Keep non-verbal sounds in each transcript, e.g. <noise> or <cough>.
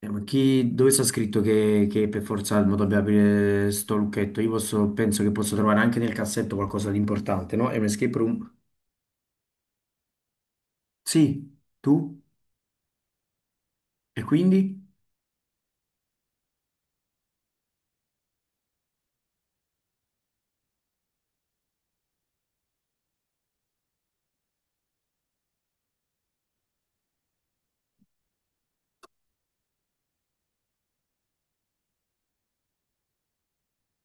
Dove sta scritto che per forza Almo dobbiamo aprire sto lucchetto? Penso che posso trovare anche nel cassetto qualcosa di importante, no? È un escape room? Sì, tu? E quindi?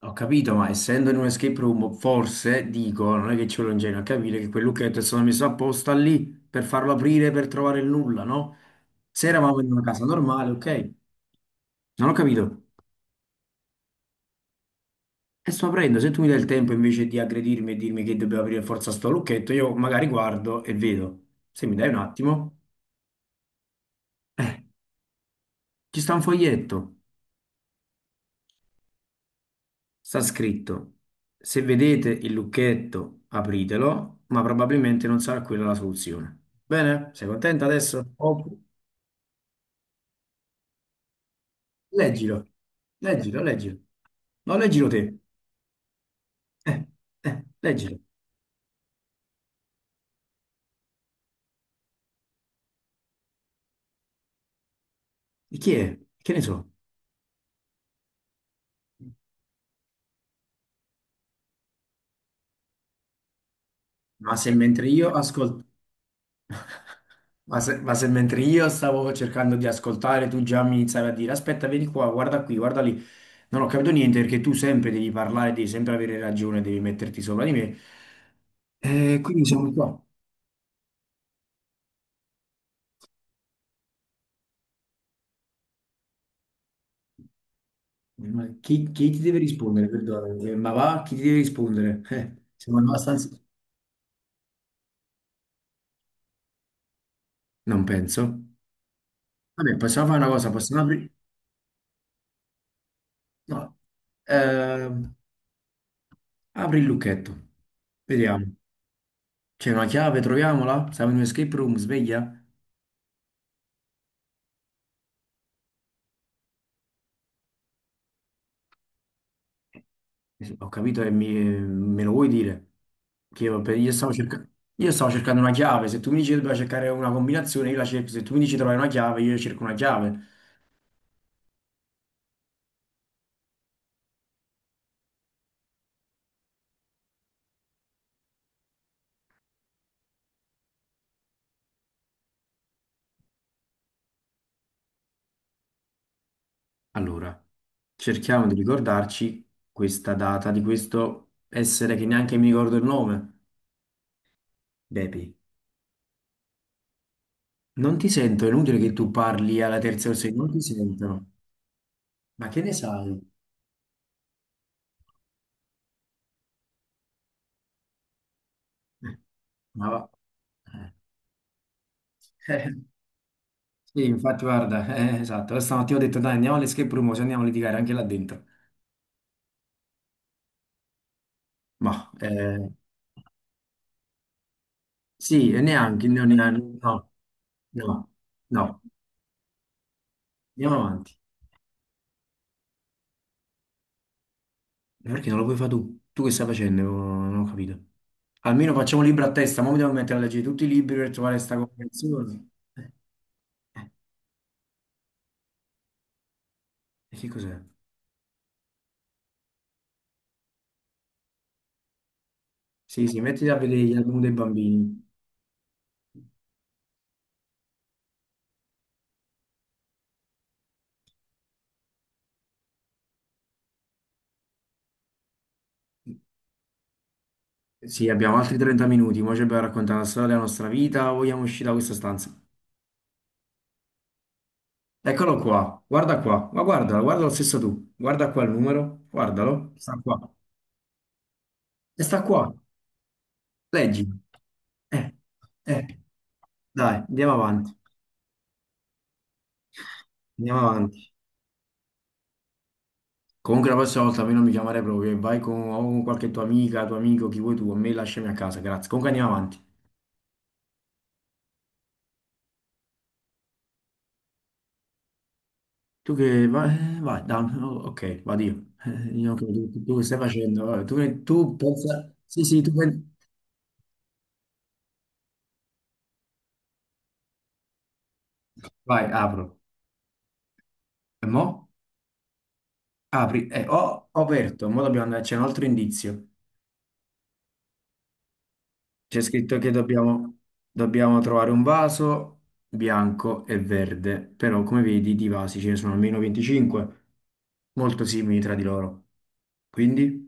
Ho capito, ma essendo in un escape room, forse, dico, non è che ci vuole un genio a capire che quel lucchetto è stato messo apposta lì per farlo aprire per trovare il nulla, no? Se eravamo in una casa normale, ok. Non ho capito. E sto aprendo, se tu mi dai il tempo invece di aggredirmi e dirmi che devo aprire forza sto lucchetto, io magari guardo e vedo. Se mi dai un attimo, eh, ci sta un foglietto, sta scritto, se vedete il lucchetto apritelo, ma probabilmente non sarà quella la soluzione. Bene? Sei contenta adesso? Oh, leggilo, leggilo, leggilo. No, leggilo te. Eh, leggilo. Di chi è? Che ne so? Ma se mentre io ascolto... ma se mentre io stavo cercando di ascoltare, tu già mi iniziavi a dire: Aspetta, vieni qua, guarda qui, guarda lì. Non ho capito niente perché tu sempre devi parlare, devi sempre avere ragione, devi metterti sopra di me. E quindi sono qua. Ma chi ti deve rispondere? Perdonami. Ma va, chi ti deve rispondere? Siamo abbastanza. Non penso. Vabbè, possiamo fare una cosa: possiamo aprire. No. Eh, Apri il lucchetto, vediamo. C'è una chiave, troviamola. Siamo in un escape room, sveglia. Sì, ho capito me lo vuoi dire? Che io, per- io stavo cerca- Io stavo cercando una chiave, se tu mi dici che dobbiamo cercare una combinazione, io la cerco, se tu mi dici trovare una chiave, io cerco una chiave. Allora, cerchiamo di ricordarci questa data di questo essere che neanche mi ricordo il nome. Bepi, non ti sento, è inutile che tu parli alla terza o sei, non ti sentono. Ma che ne sai? Eh, Ma va. Eh, <laughs> eh, sì, infatti, guarda, esatto. Stamattina ho detto, dai, andiamo all'escape room, se andiamo a litigare anche là dentro. Ma eh, sì, e neanche, no, no, no, andiamo avanti. Ma perché non lo puoi fare tu? Tu che stai facendo? Non ho capito. Almeno facciamo un libro a testa, ma mi devo mettere a leggere tutti i libri per trovare questa comprensione. Eh, e che cos'è? Sì, sì, mettiti a vedere gli album dei bambini. Sì, abbiamo altri 30 minuti, ora ci abbiamo raccontato la storia della nostra vita, vogliamo uscire da questa stanza. Eccolo qua, guarda qua, ma guardalo, guarda lo stesso tu, guarda qua il numero, guardalo, sta qua, e sta qua. Leggi. Eh, eh. Dai, andiamo avanti. Andiamo avanti. Comunque la prossima volta a me non mi chiamare proprio. E vai con, o con qualche tua amica, tuo amico, chi vuoi tu. A me lasciami a casa, grazie. Comunque andiamo avanti. Tu che vai, vai, dai, oh, ok, vado io. Tu, che stai facendo? Vabbè, tu pensa... Vai, apro. E mo? Apri. Ho aperto, mo dobbiamo andare, c'è un altro indizio. C'è scritto che dobbiamo trovare un vaso bianco e verde, però come vedi di vasi ce ne sono almeno 25, molto simili tra di loro. Quindi,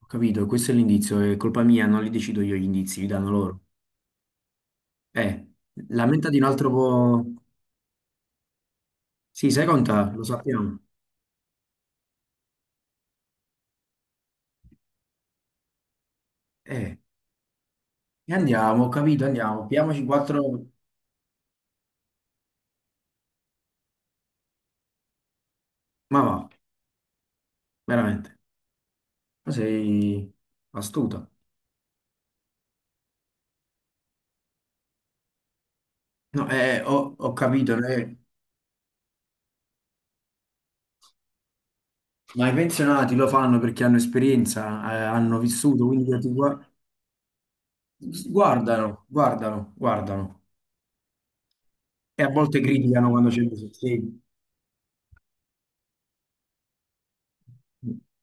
ho capito, questo è l'indizio, è colpa mia, non li decido io gli indizi, li danno loro. Eh, la menta di un altro po'... Sì, sai conta, lo sappiamo. Eh, e andiamo, ho capito, andiamo, piamoci quattro... Ma va, veramente, ma sei astuta. No, ho capito, no? Ma i pensionati lo fanno perché hanno esperienza, hanno vissuto, quindi guardano, guardano, guardano. E a volte criticano quando c'è bisogno. Sì,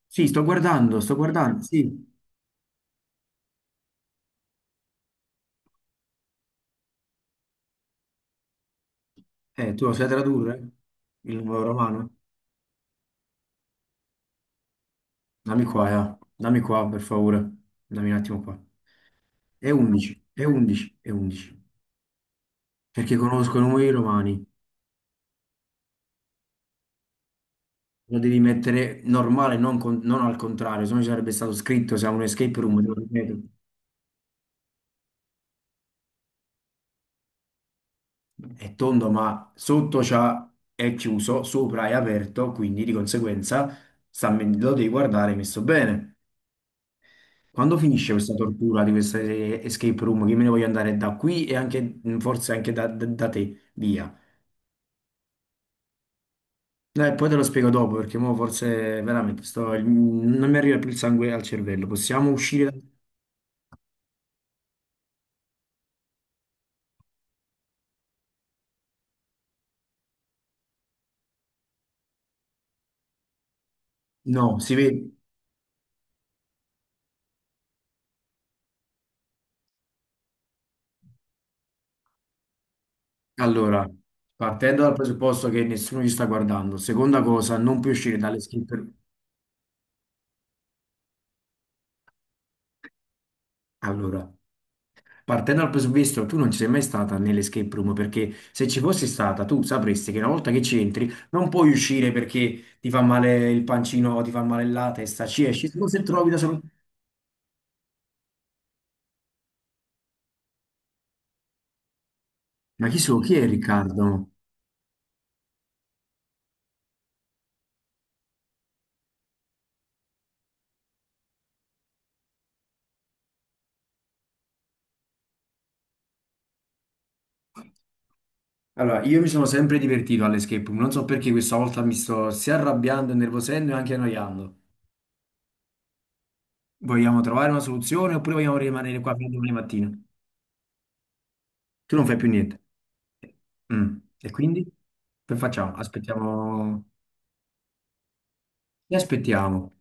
sì, sto guardando, sì. Tu lo sai tradurre? Il numero romano? Dammi qua, Dammi qua, per favore. Dammi un attimo qua. È 11, è 11, è 11. Perché conosco i numeri romani. Lo devi mettere normale, non, non al contrario, se no ci sarebbe stato scritto, se ha un escape room, te lo ripeto. È tondo, ma sotto c'ha, è chiuso, sopra è aperto, quindi di conseguenza lo devi guardare messo bene. Quando finisce questa tortura di questa escape room, che me ne voglio andare da qui e anche, mm, forse anche da te, via. Poi te lo spiego dopo, perché mo forse veramente non mi arriva più il sangue al cervello. Possiamo uscire da... No, si vede. Allora, partendo dal presupposto che nessuno ci sta guardando, seconda cosa, non puoi uscire dalle escape room. Allora. Partendo dal presupposto, tu non ci sei mai stata nell'escape room perché se ci fossi stata tu sapresti che una volta che ci entri non puoi uscire perché ti fa male il pancino, ti fa male la testa, ci esci solo se trovi da solo. Ma chi è Riccardo? Allora, io mi sono sempre divertito all'escape room, non so perché questa volta mi sto sia arrabbiando, nervosendo e anche annoiando. Vogliamo trovare una soluzione oppure vogliamo rimanere qua fino a domani mattina? Tu non fai più niente. Mm. E quindi? Che facciamo? Aspettiamo. Che aspettiamo?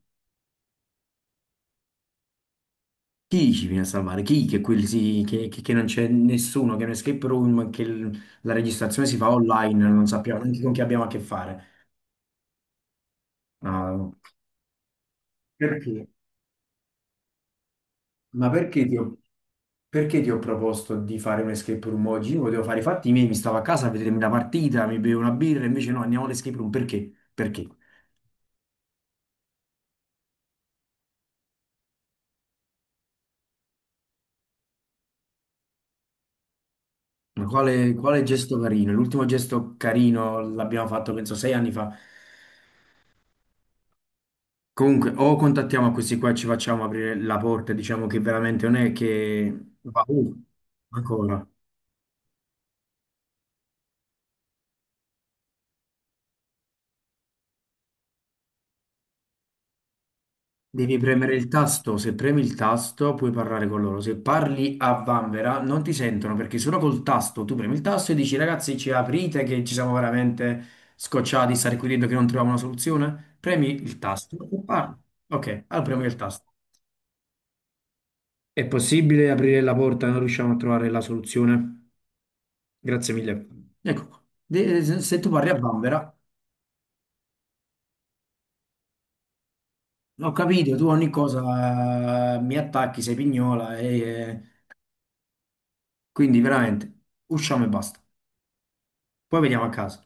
Chi ci viene a salvare? Chi? Che, che non c'è nessuno, che è un escape room, la registrazione si fa online, non sappiamo neanche con chi abbiamo a che fare. No. Perché? Ma perché ti ho, perché ti ho proposto di fare un escape room oggi? Io volevo fare i fatti miei, mi stavo a casa a vedermi la partita, mi bevo una birra, invece no, andiamo all'escape room. Perché? Perché? Ma quale gesto carino? L'ultimo gesto carino l'abbiamo fatto, penso, 6 anni fa. Comunque, o contattiamo questi qua e ci facciamo aprire la porta, diciamo che veramente non è che... ancora. Devi premere il tasto, se premi il tasto puoi parlare con loro, se parli a vanvera non ti sentono perché solo col tasto tu premi il tasto e dici ragazzi ci aprite che ci siamo veramente scocciati di stare qui dentro che non troviamo una soluzione, premi il tasto e parli. Ok, allora premi il tasto. È possibile aprire la porta e non riusciamo a trovare la soluzione? Grazie mille. Ecco qua. Se se tu parli a vanvera... Ho capito, tu ogni cosa mi attacchi, sei pignola e quindi veramente usciamo e basta. Poi vediamo a casa.